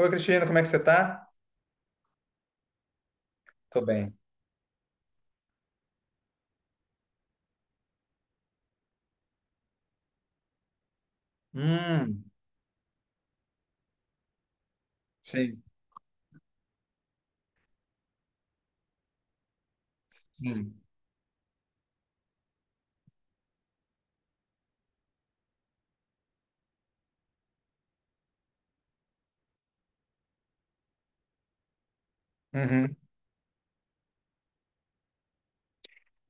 Oi, Cristiano, como é que você tá? Tô bem. Hum, sim, sim. Uhum.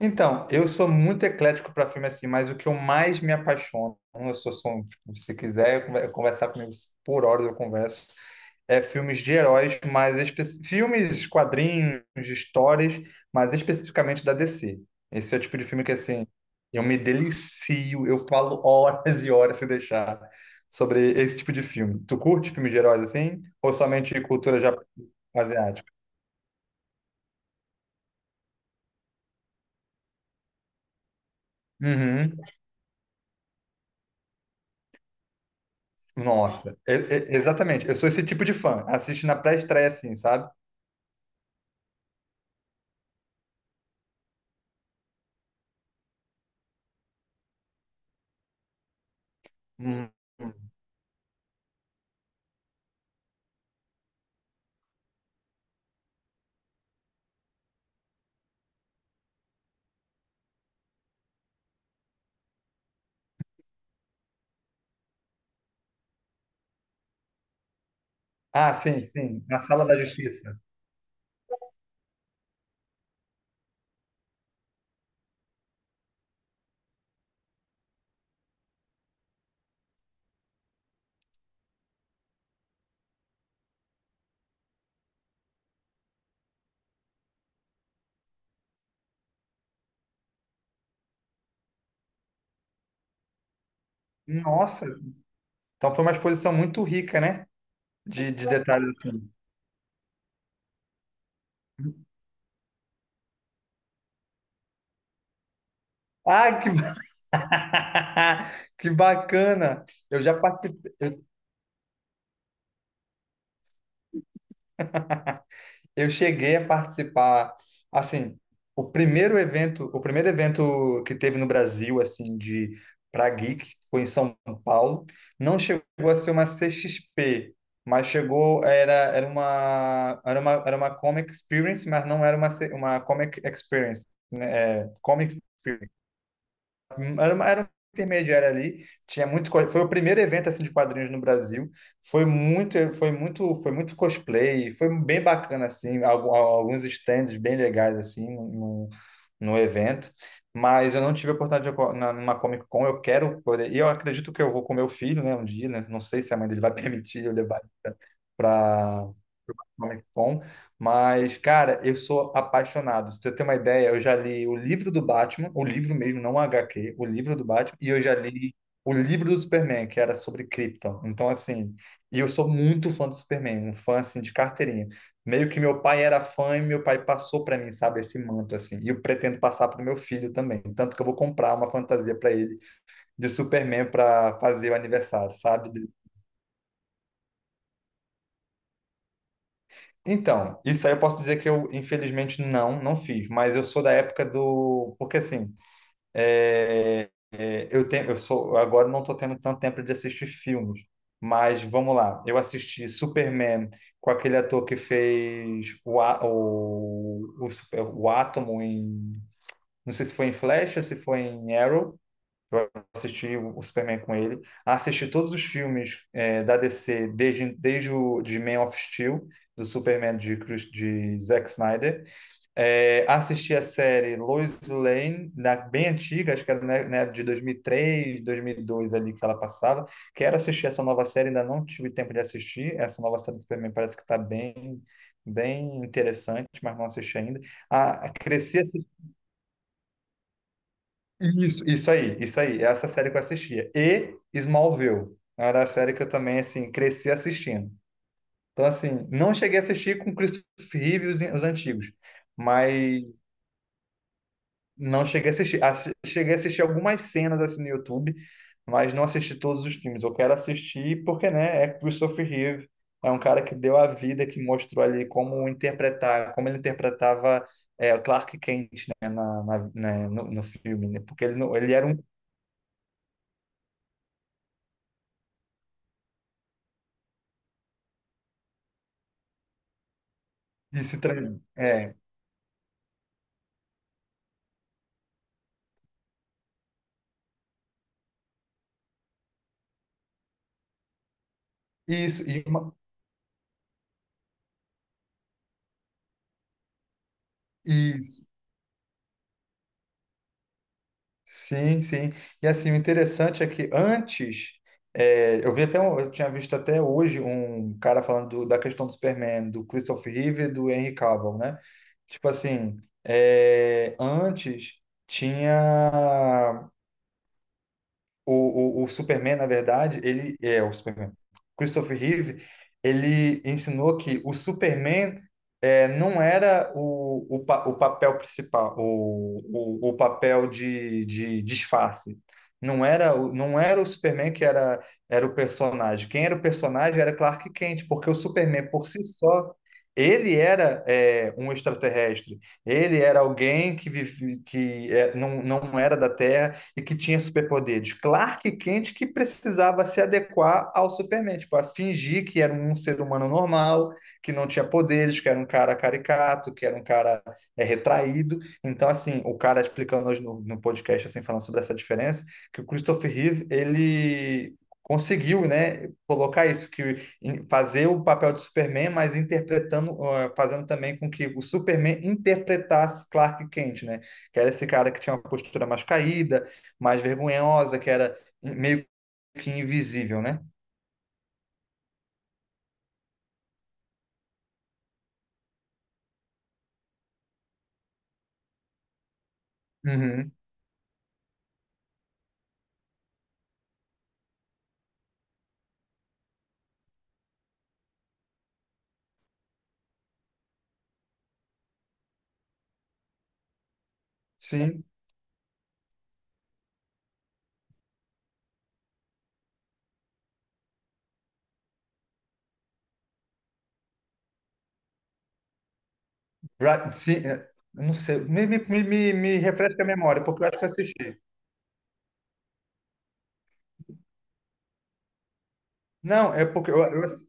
Então, eu sou muito eclético para filme assim, mas o que eu mais me apaixono, eu sou um, tipo, se quiser eu conversar comigo por horas eu converso, é filmes de heróis, mas filmes, quadrinhos, histórias, mas especificamente da DC. Esse é o tipo de filme que assim, eu me delicio, eu falo horas e horas se deixar sobre esse tipo de filme. Tu curte filmes de heróis assim ou somente cultura asiática? Uhum. Nossa, exatamente. Eu sou esse tipo de fã. Assiste na pré-estreia, assim, sabe? Hum. Ah, sim, sim. Na Sala da Justiça. Nossa, então foi uma exposição muito rica, né? De detalhes assim. Ah, que bacana! Eu já participei. Eu cheguei a participar, assim, o primeiro evento que teve no Brasil, assim, de para geek, foi em São Paulo. Não chegou a ser uma CXP, mas chegou, era uma Comic Experience, mas não era uma Comic Experience, né? É, Comic Experience. Era uma intermediária ali, tinha muito, foi o primeiro evento assim de quadrinhos no Brasil. Foi muito cosplay, foi bem bacana assim, alguns stands bem legais assim no evento. Mas eu não tive a oportunidade numa Comic Con, eu quero poder, e eu acredito que eu vou com meu filho, né, um dia, né, não sei se a mãe dele vai permitir eu levar ele para Comic Con, mas, cara, eu sou apaixonado. Se eu ter uma ideia, eu já li o livro do Batman, o livro mesmo, não o HQ, o livro do Batman, e eu já li o livro do Superman, que era sobre Krypton. Então, assim, e eu sou muito fã do Superman, um fã, assim, de carteirinha. Meio que meu pai era fã e meu pai passou para mim, sabe, esse manto, assim. E eu pretendo passar para o meu filho também. Tanto que eu vou comprar uma fantasia para ele de Superman para fazer o aniversário, sabe? Então, isso aí eu posso dizer que eu, infelizmente, não, não fiz, mas eu sou da época do. Porque assim, eu sou, agora não estou tendo tanto tempo de assistir filmes, mas vamos lá. Eu assisti Superman com aquele ator que fez o, A- o, o, Super- o Átomo em. Não sei se foi em Flash ou se foi em Arrow. Eu assisti o Superman com ele. Assisti todos os filmes da DC, desde o de Man of Steel, do Superman de Zack Snyder. É, assisti a série Lois Lane, bem antiga, acho que era né, de 2003, 2002 ali que ela passava. Quero assistir essa nova série, ainda não tive tempo de assistir. Essa nova série do Superman parece que está bem, bem interessante, mas não assisti ainda. Ah, cresci isso, isso aí, isso aí. É, essa série que eu assistia. E Smallville. Era a série que eu também, assim, cresci assistindo. Então, assim, não cheguei a assistir com Christopher Reeve e os antigos. Mas não cheguei a assistir. Cheguei a assistir algumas cenas, assim, no YouTube. Mas não assisti todos os filmes. Eu quero assistir porque, né, é Christopher Reeve. É um cara que deu a vida, que mostrou ali como interpretar, como ele interpretava o Clark Kent, né, né, no filme, né? Porque ele, ele era um esse treino. É, isso, e isso. Sim, sim. E assim, o interessante é que antes, eu vi até, eu tinha visto até hoje um cara falando da questão do Superman, do Christopher Reeve e do Henry Cavill, né? Tipo assim, antes tinha o Superman, na verdade, ele é o Superman. Christopher Reeve, ele ensinou que o Superman não era o papel principal, o papel de disfarce. Não era, não era o Superman que era, o personagem. Quem era o personagem era Clark Kent, porque o Superman por si só, ele era um extraterrestre. Ele era alguém que, vive, que é, não era da Terra e que tinha superpoderes. Clark Kent que precisava se adequar ao Superman, tipo, a fingir que era um ser humano normal, que não tinha poderes, que era um cara caricato, que era um cara retraído. Então, assim, o cara explicando hoje no podcast, assim, falando sobre essa diferença, que o Christopher Reeve, ele conseguiu, né, colocar isso, fazer o papel de Superman, mas interpretando, ah, fazendo também com que o Superman interpretasse Clark Kent, né, que era esse cara que tinha uma postura mais caída, mais vergonhosa, que era meio que invisível, né? Uhum. Sim. Ra- se- é, não sei, me refresca a memória, porque eu acho que eu assisti. Não, é porque eu,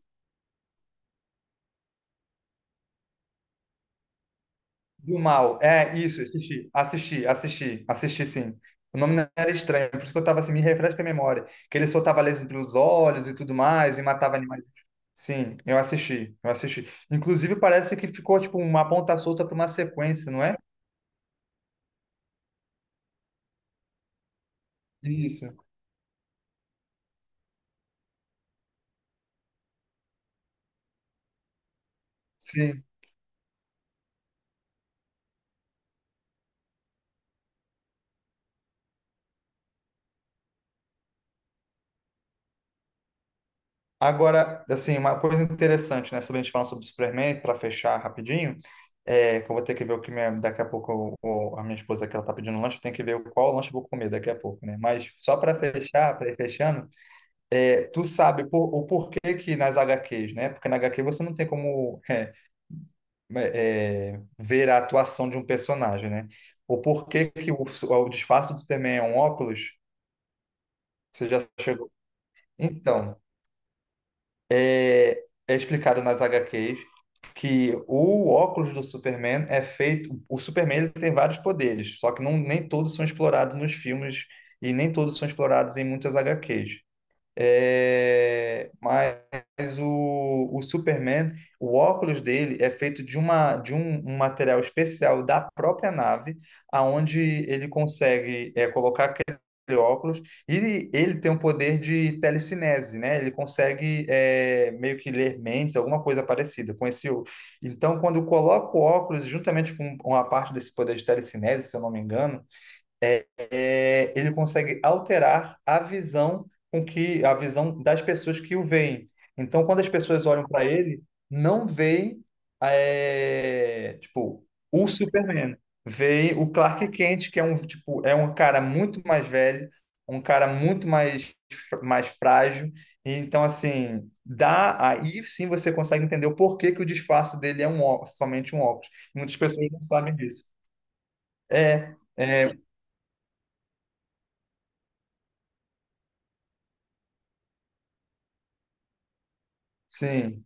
do mal. É isso, assisti sim. O nome não era estranho, por isso que eu tava assim, me refresca a memória. Que ele soltava laser pelos olhos e tudo mais, e matava animais. Sim, eu assisti. Inclusive, parece que ficou tipo uma ponta solta para uma sequência, não é? Isso. Sim. Agora, assim, uma coisa interessante, né, sobre a gente falar sobre Superman, para fechar rapidinho, que eu vou ter que ver o que minha, daqui a pouco a minha esposa que ela tá pedindo lanche, tem que ver qual lanche eu vou comer daqui a pouco, né? Mas só para fechar, para ir fechando, tu sabe o porquê que nas HQs, né? Porque na HQ você não tem como ver a atuação de um personagem, né? O porquê que o disfarce do Superman é um óculos, você já chegou. Então. é, é explicado nas H. HQs que o óculos do Superman é feito. O Superman ele tem vários poderes, só que não, nem todos são explorados nos filmes e nem todos são explorados em muitas H. HQs. É, mas o Superman, o óculos dele é feito de um material especial da própria nave, aonde ele consegue colocar aquele óculos e ele tem o poder de telecinese, né? Ele consegue meio que ler mentes, alguma coisa parecida com esse. Então, quando coloca o óculos juntamente com uma parte desse poder de telecinese, se eu não me engano ele consegue alterar a visão com que a visão das pessoas que o veem. Então, quando as pessoas olham para ele, não veem tipo o Superman, veem o Clark Kent, que é um cara muito mais velho, um cara muito mais mais frágil. Então, assim, dá aí sim você consegue entender o porquê que o disfarce dele é somente um óculos. Muitas pessoas não sabem disso. É, é, sim.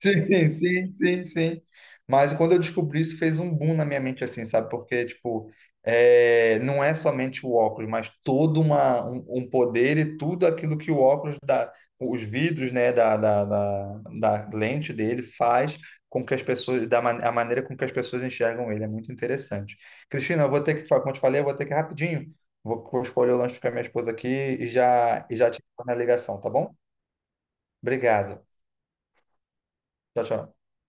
Sim, sim, sim, sim. Mas quando eu descobri isso, fez um boom na minha mente, assim, sabe? Porque, tipo, não é somente o óculos, mas todo um poder e tudo aquilo que o óculos dá, os vidros, né, da lente dele faz com que as pessoas, a maneira com que as pessoas enxergam ele. É muito interessante. Cristina, eu vou ter que, como eu te falei, eu vou ter que ir rapidinho. Vou escolher o lanche com a minha esposa aqui e já, te dou na ligação, tá bom? Obrigado. Tchau, tchau.